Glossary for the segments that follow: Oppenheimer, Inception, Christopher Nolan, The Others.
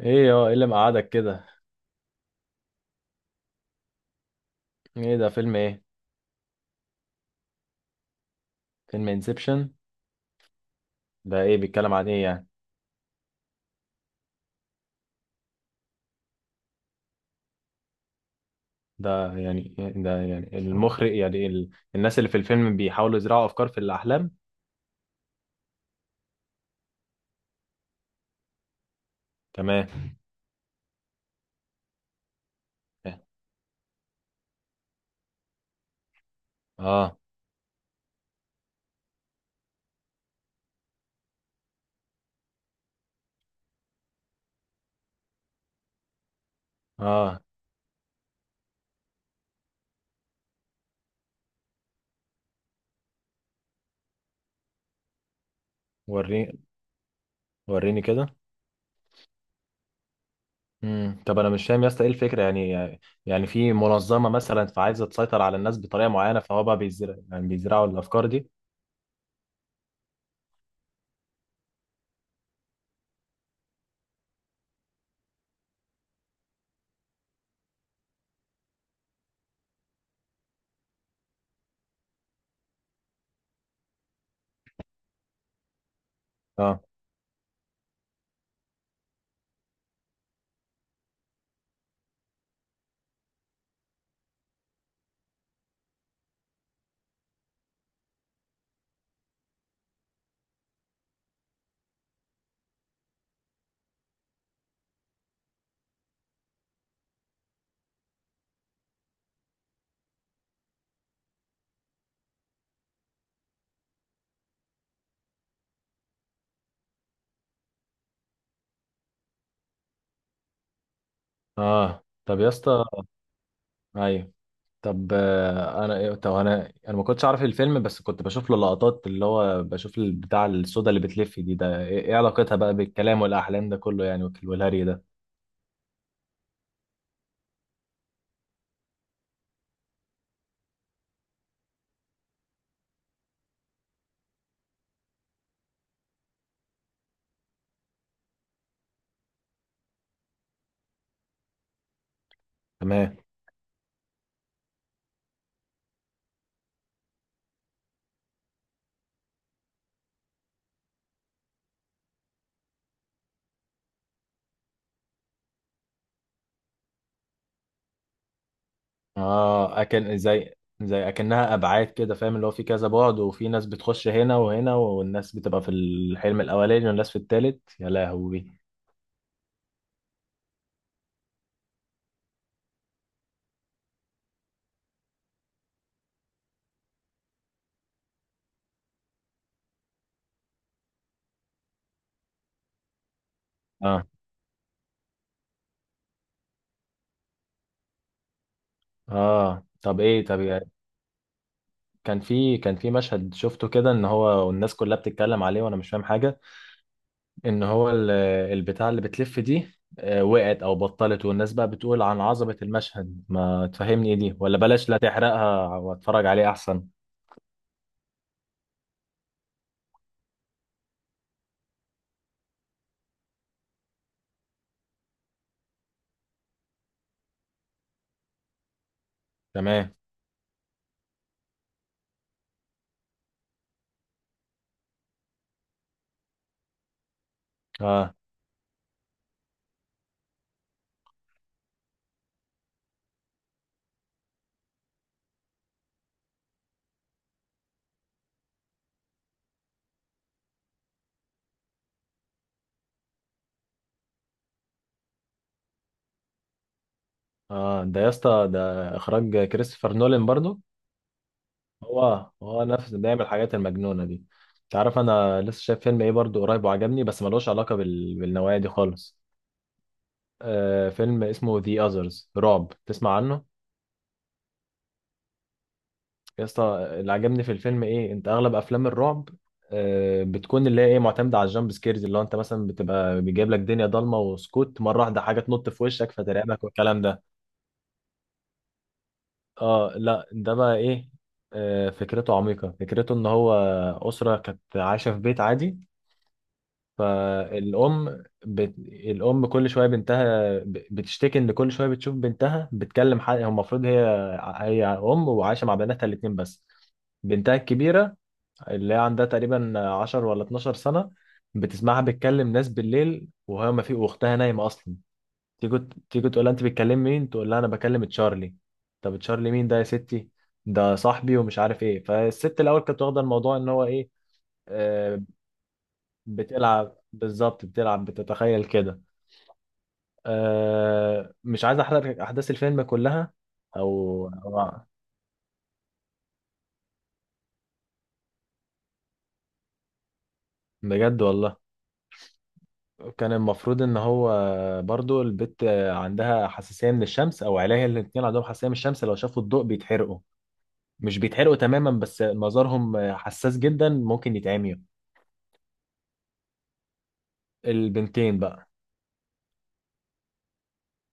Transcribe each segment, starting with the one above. ايه اللي مقعدك كده؟ ايه ده، فيلم ايه؟ فيلم انسبشن. ده ايه، بيتكلم عن ايه يعني؟ ده يعني المخرج، يعني الناس اللي في الفيلم بيحاولوا يزرعوا افكار في الاحلام. تمام. اه. اه. وريني، وريني كده. طب انا مش فاهم يا اسطى، ايه الفكره يعني؟ يعني في منظمه مثلا فعايزه تسيطر على الناس بطريقه معينه، فهو بقى بيزرعوا الافكار دي؟ اه. اه طب يا اسطى. ايوه. طب انا طب انا ما كنتش اعرف الفيلم، بس كنت بشوف له لقطات اللي هو بشوف البتاع السودا اللي بتلف دي، ده ايه، إيه علاقتها بقى بالكلام والاحلام ده كله يعني والهري ده؟ تمام. اه اكن زي، اكنها ابعاد كده فاهم، اللي هو في كذا بعد، وفي ناس بتخش هنا وهنا، والناس بتبقى في الحلم الاولاني والناس في التالت، يا لهوي. اه. اه طب ايه، طب يعني كان في مشهد شفته كده ان هو والناس كلها بتتكلم عليه وانا مش فاهم حاجة. ان هو البتاع اللي بتلف دي، وقعت او بطلت، والناس بقى بتقول عن عظمة المشهد. ما تفهمني ايه دي؟ ولا بلاش، لا تحرقها واتفرج عليه احسن. تمام. اه. اه ده يا اسطى، ده اخراج كريستوفر نولان برضو. هو نفس ده يعمل الحاجات المجنونة دي. تعرف انا لسه شايف فيلم ايه برضو قريب وعجبني، بس ملوش علاقة بالنوايا دي خالص. آه، فيلم اسمه The Others رعب، تسمع عنه؟ يا اسطى اللي عجبني في الفيلم ايه، انت اغلب افلام الرعب بتكون اللي هي ايه، معتمده على الجامب سكيرز، اللي هو انت مثلا بتبقى بيجيب لك دنيا ضلمه وسكوت، مره واحده حاجه تنط في وشك فترعبك والكلام ده. اه. لا ده بقى ايه، فكرته عميقه. فكرته ان هو اسره كانت عايشه في بيت عادي. فالام الام كل شويه بنتها بتشتكي، ان كل شويه بتشوف بنتها بتكلم حد. هو المفروض هي، هي ام وعايشه مع بناتها الاتنين بس. بنتها الكبيره اللي هي عندها تقريبا 10 ولا 12 سنة بتسمعها بتكلم ناس بالليل وهي ما في، واختها نايمة أصلا. تيجي، تيجي تقول لها: أنت بتكلم مين؟ تقول لها: أنا بكلم تشارلي. طب تشارلي مين ده يا ستي؟ ده صاحبي ومش عارف إيه. فالست الأول كانت واخدة الموضوع إن هو إيه. آه، بتلعب بالظبط، بتلعب بتتخيل كده. آه، مش عايز أحرق أحداث الفيلم كلها. أو أو- بجد والله. كان المفروض ان هو، برضو البت عندها حساسيه من الشمس، او عيليها الاتنين عندهم حساسيه من الشمس، لو شافوا الضوء بيتحرقوا. مش بيتحرقوا تماما بس مظهرهم حساس جدا، ممكن يتعميوا. البنتين بقى.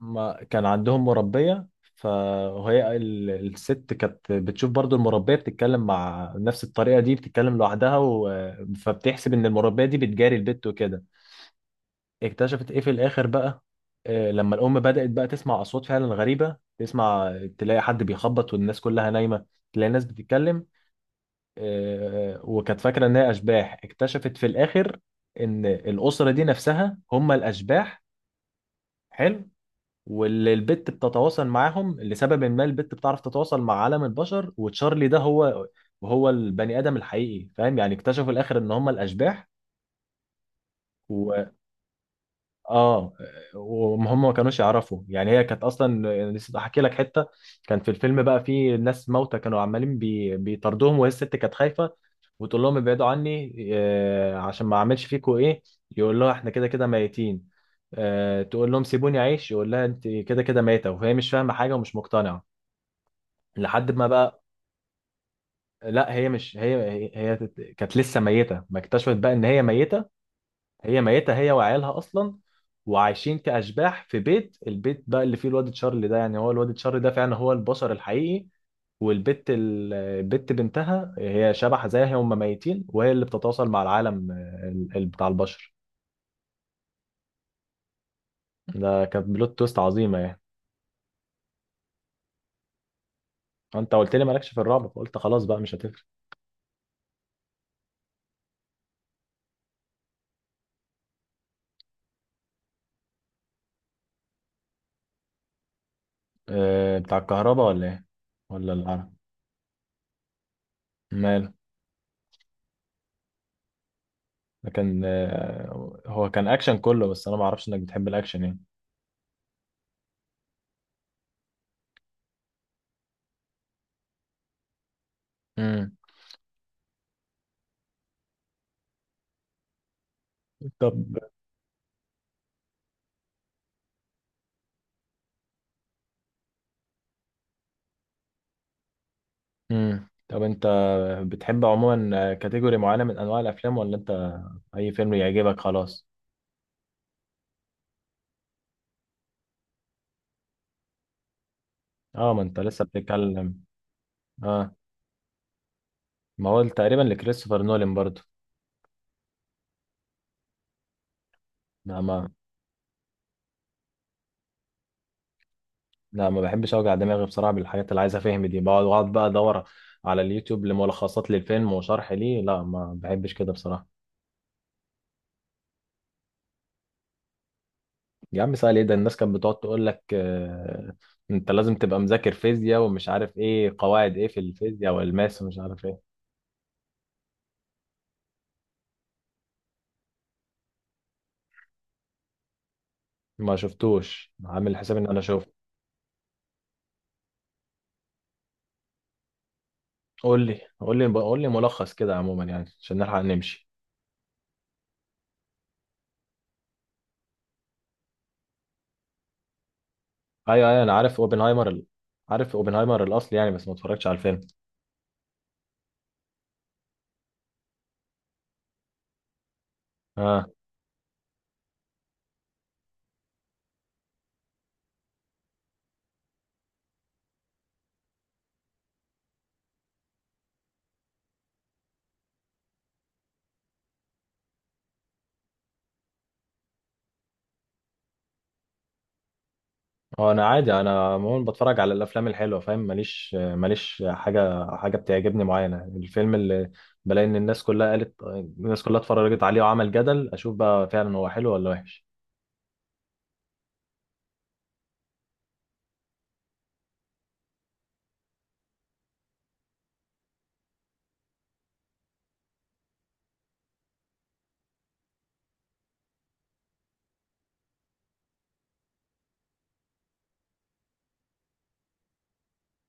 ما كان عندهم مربيه، فهي الست كانت بتشوف برضو المربيه بتتكلم مع نفس الطريقه دي، بتتكلم لوحدها فبتحسب ان المربيه دي بتجاري البت وكده. اكتشفت ايه في الاخر بقى. لما الام بدأت بقى تسمع اصوات فعلا غريبة، تسمع تلاقي حد بيخبط والناس كلها نايمة، تلاقي ناس بتتكلم. وكانت فاكرة ان هي اشباح. اكتشفت في الاخر ان الاسرة دي نفسها هم الاشباح. حلو. واللي البت بتتواصل معاهم لسبب ما، البت بتعرف تتواصل مع عالم البشر، وتشارلي ده هو، وهو البني ادم الحقيقي فاهم يعني. اكتشفوا في الاخر ان هم الاشباح. اه. وهم ما كانوش يعرفوا، يعني هي كانت اصلا، نسيت احكي لك حته. كان في الفيلم بقى في ناس موتى كانوا عمالين بيطاردوهم، وهي الست كانت خايفه وتقول لهم ابعدوا عني، آه عشان ما اعملش فيكوا ايه. يقول لها: احنا كده كده ميتين. آه، تقول لهم سيبوني اعيش، يقول لها: انت كده كده ميته. وهي مش فاهمه حاجه ومش مقتنعه لحد ما بقى. لا هي مش هي هي, هي كانت لسه ميته. ما اكتشفت بقى ان هي ميته، هي ميتة هي وعيالها أصلا، وعايشين كأشباح في بيت. البيت بقى اللي فيه الواد تشارلي ده يعني، هو الواد تشارلي ده فعلا هو البشر الحقيقي، والبت البت بنتها هي شبح زيها، هم ميتين وهي اللي بتتواصل مع العالم بتاع البشر. ده كانت بلوت تويست عظيمة يعني. انت قلت لي مالكش في الرعب فقلت خلاص بقى مش هتفرق. أه بتاع الكهرباء ولا ايه؟ ولا العالم؟ ماله. ده كان هو كان اكشن كله، بس انا ما اعرفش انك بتحب الاكشن يعني. امم طب طب انت بتحب عموما كاتيجوري معينة من انواع الافلام، ولا انت اي فيلم يعجبك خلاص؟ اه ما انت لسه بتتكلم. اه ما هو تقريبا لكريستوفر نولان برضو. لا ما لا ما بحبش اوجع دماغي بصراحة بالحاجات اللي عايز افهم دي، بقعد بقى ادور على اليوتيوب لملخصات للفيلم وشرح ليه. لا ما بحبش كده بصراحة. يا عم سهل ايه ده، الناس كانت بتقعد تقول لك آه، انت لازم تبقى مذاكر فيزياء ومش عارف ايه قواعد ايه في الفيزياء والماس ومش عارف ايه. ما شفتوش، عامل حساب ان انا اشوف. قول لي، قول لي، قول لي ملخص كده عموما يعني عشان نلحق نمشي. ايوه، ايوه انا عارف اوبنهايمر عارف اوبنهايمر الاصل يعني بس ما اتفرجتش على الفيلم. اه. هو انا عادي، انا عموما بتفرج على الافلام الحلوه فاهم، ماليش حاجه بتعجبني معينه. الفيلم اللي بلاقي ان الناس كلها قالت، الناس كلها اتفرجت عليه وعمل جدل، اشوف بقى فعلا هو حلو ولا وحش.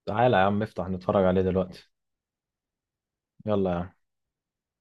تعالى يا عم افتح نتفرج عليه دلوقتي. يلا يا عم.